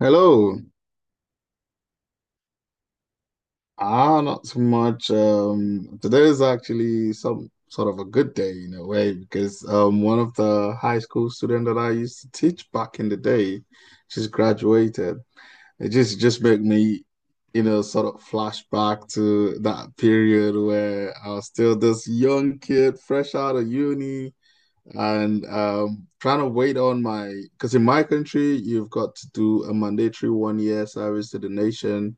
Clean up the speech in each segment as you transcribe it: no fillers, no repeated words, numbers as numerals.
Hello. Ah, not so much. Today is actually some sort of a good day in a way because one of the high school students that I used to teach back in the day, she's graduated. It just made me, you know, sort of flashback to that period where I was still this young kid, fresh out of uni, and trying to wait on my because in my country you've got to do a mandatory 1 year service to the nation.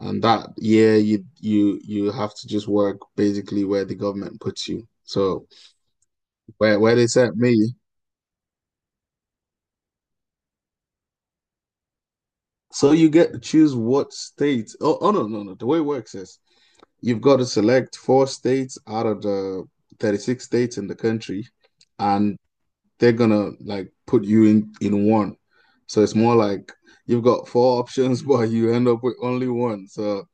And that year you have to just work basically where the government puts you. So where they sent me. So you get to choose what states. Oh, oh no, no, no. The way it works is you've got to select four states out of the 36 states in the country, and they're gonna like put you in one. So it's more like you've got four options, but you end up with only one. So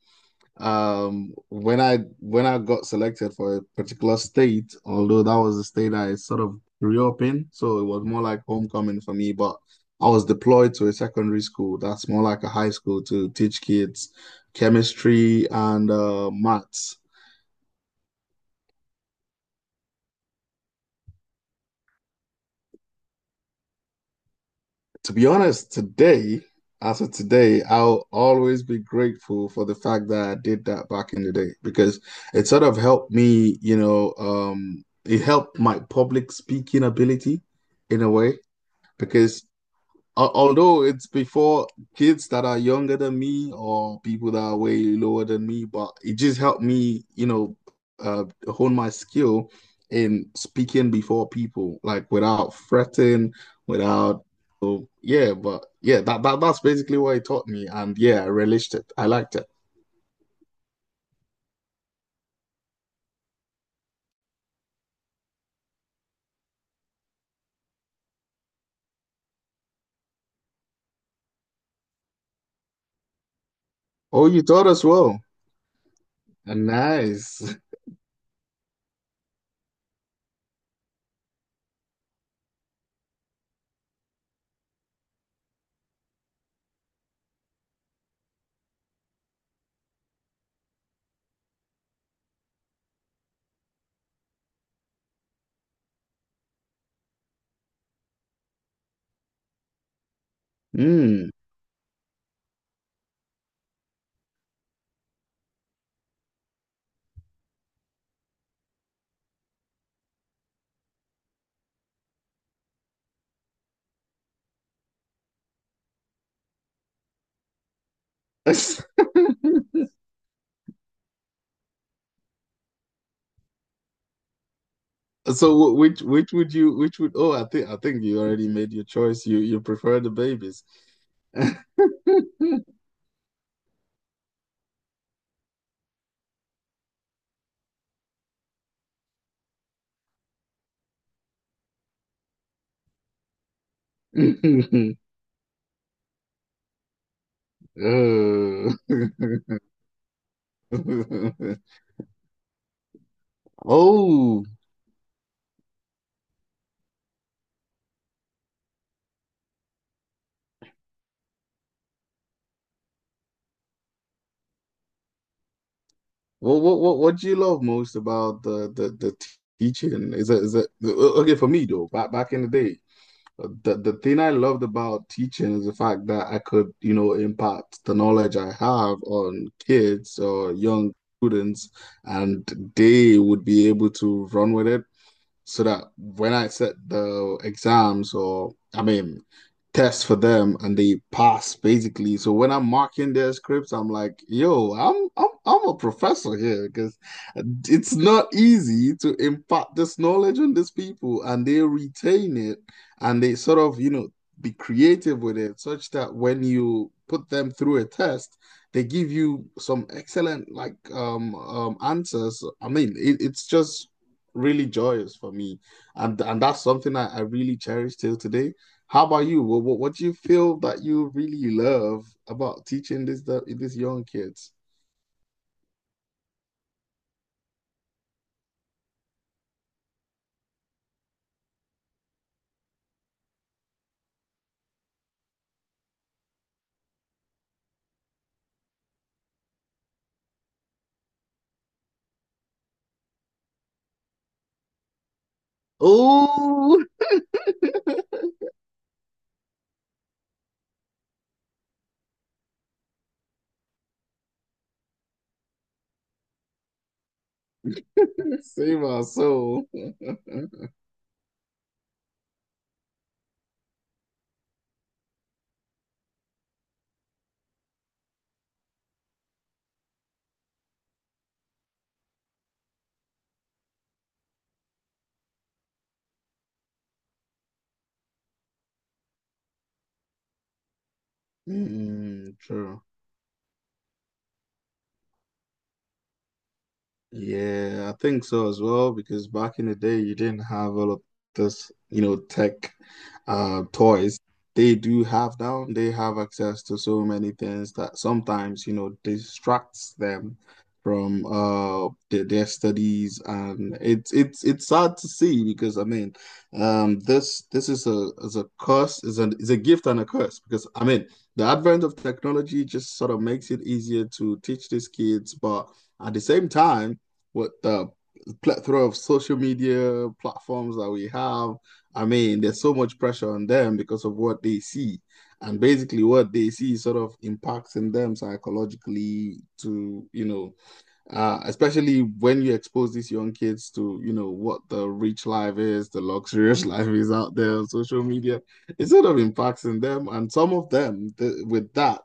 When I got selected for a particular state, although that was the state I sort of grew up in, so it was more like homecoming for me, but I was deployed to a secondary school that's more like a high school to teach kids chemistry and maths. To be honest, today, as of today, I'll always be grateful for the fact that I did that back in the day because it sort of helped me, you know, it helped my public speaking ability in a way because Although it's before kids that are younger than me or people that are way lower than me, but it just helped me, you know, uh, hone my skill in speaking before people, like without fretting, without, so yeah, but yeah, that's basically what it taught me, and yeah, I relished it. I liked it. Oh, you taught us well. Nice. Hmm. So which would oh I think you already made your choice. You prefer the babies. Oh. Oh. Well, what do you love most about the teaching? Is it okay for me though? Back in the day, the thing I loved about teaching is the fact that I could, you know, impact the knowledge I have on kids or young students, and they would be able to run with it so that when I set the exams or I mean tests for them and they pass basically. So when I'm marking their scripts, I'm like, yo, I'm a professor here because it's not easy to impart this knowledge on these people and they retain it and they sort of, you know, be creative with it such that when you put them through a test, they give you some excellent like answers. I mean, it's just really joyous for me, and that's something I really cherish till today. How about you? What do you feel that you really love about teaching these young kids? Oh, save our soul. Mm, true. Yeah, I think so as well, because back in the day, you didn't have all of this, you know, tech toys. They do have now, they have access to so many things that sometimes, you know, distracts them from their studies and it's sad to see because I mean this is a curse is an is a gift and a curse because I mean the advent of technology just sort of makes it easier to teach these kids but at the same time with the plethora of social media platforms that we have. I mean, there's so much pressure on them because of what they see. And basically, what they see sort of impacts in them psychologically to, you know, especially when you expose these young kids to, you know, what the rich life is, the luxurious life is out there on social media. It sort of impacts in them. And some of them, th with that,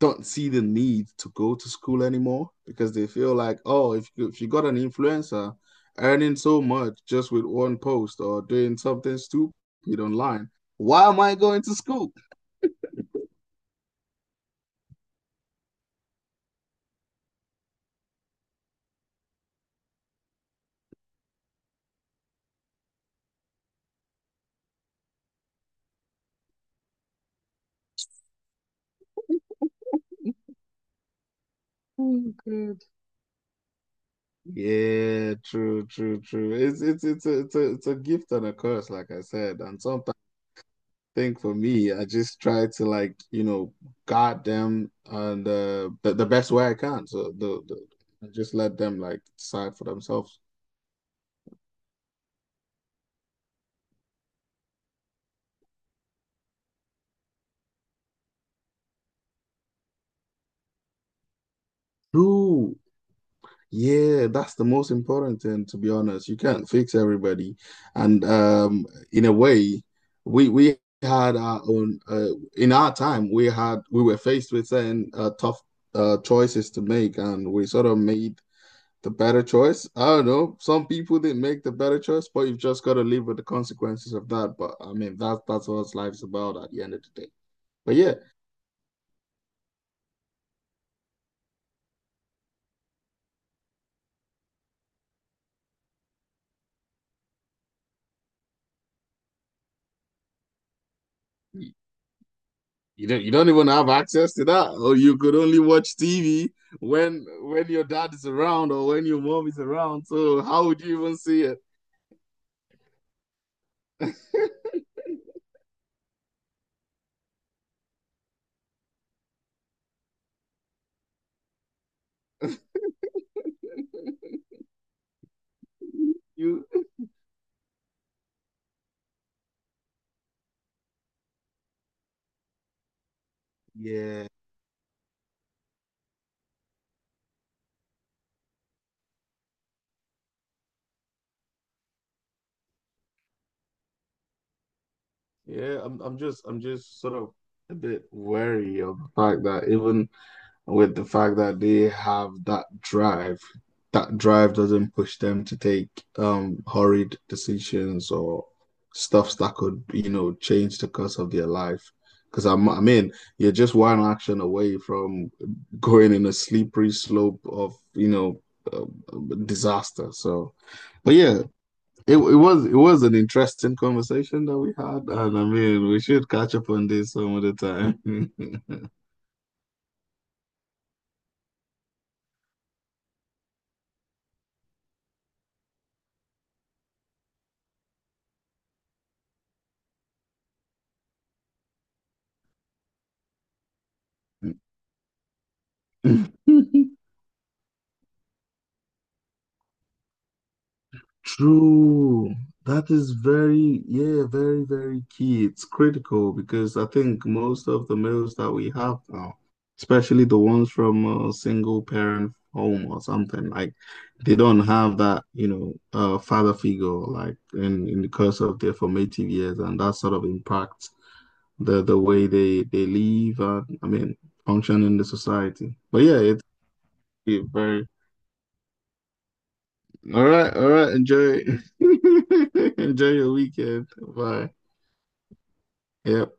don't see the need to go to school anymore because they feel like, oh, if you got an influencer earning so much just with one post or doing something stupid online, why am I going to school? Yeah, true, true, true. It's a gift and a curse, like I said. And sometimes I think for me, I just try to like, you know, guard them and the best way I can. So the just let them like decide for themselves. True. Yeah, that's the most important thing, to be honest. You can't fix everybody. And in a way, we had our own in our time, we were faced with certain tough choices to make, and we sort of made the better choice? I don't know. Some people didn't make the better choice, but you've just got to live with the consequences of that. But I mean, that's what life's about at the end of the day. But yeah, you, you don't even have access to that, or you could only watch TV when your dad is around or when your mom is around. So how would you even see it? You yeah yeah. I'm just sort of a bit wary of the fact that even with the fact that they have that drive. That drive doesn't push them to take hurried decisions or stuffs that could, you know, change the course of their life. Because I mean, you're just one action away from going in a slippery slope of, you know, uh, disaster. So, but yeah, it was an interesting conversation that we had, and I mean, we should catch up on this some other time. True. That is very, yeah, very, very key. It's critical because I think most of the males that we have now, especially the ones from a single parent home or something, like they don't have that, you know, father figure like in the course of their formative years, and that sort of impacts the way they live and I mean function in the society. But yeah, it's very all right, all right. Enjoy, enjoy your weekend. Bye. Yep.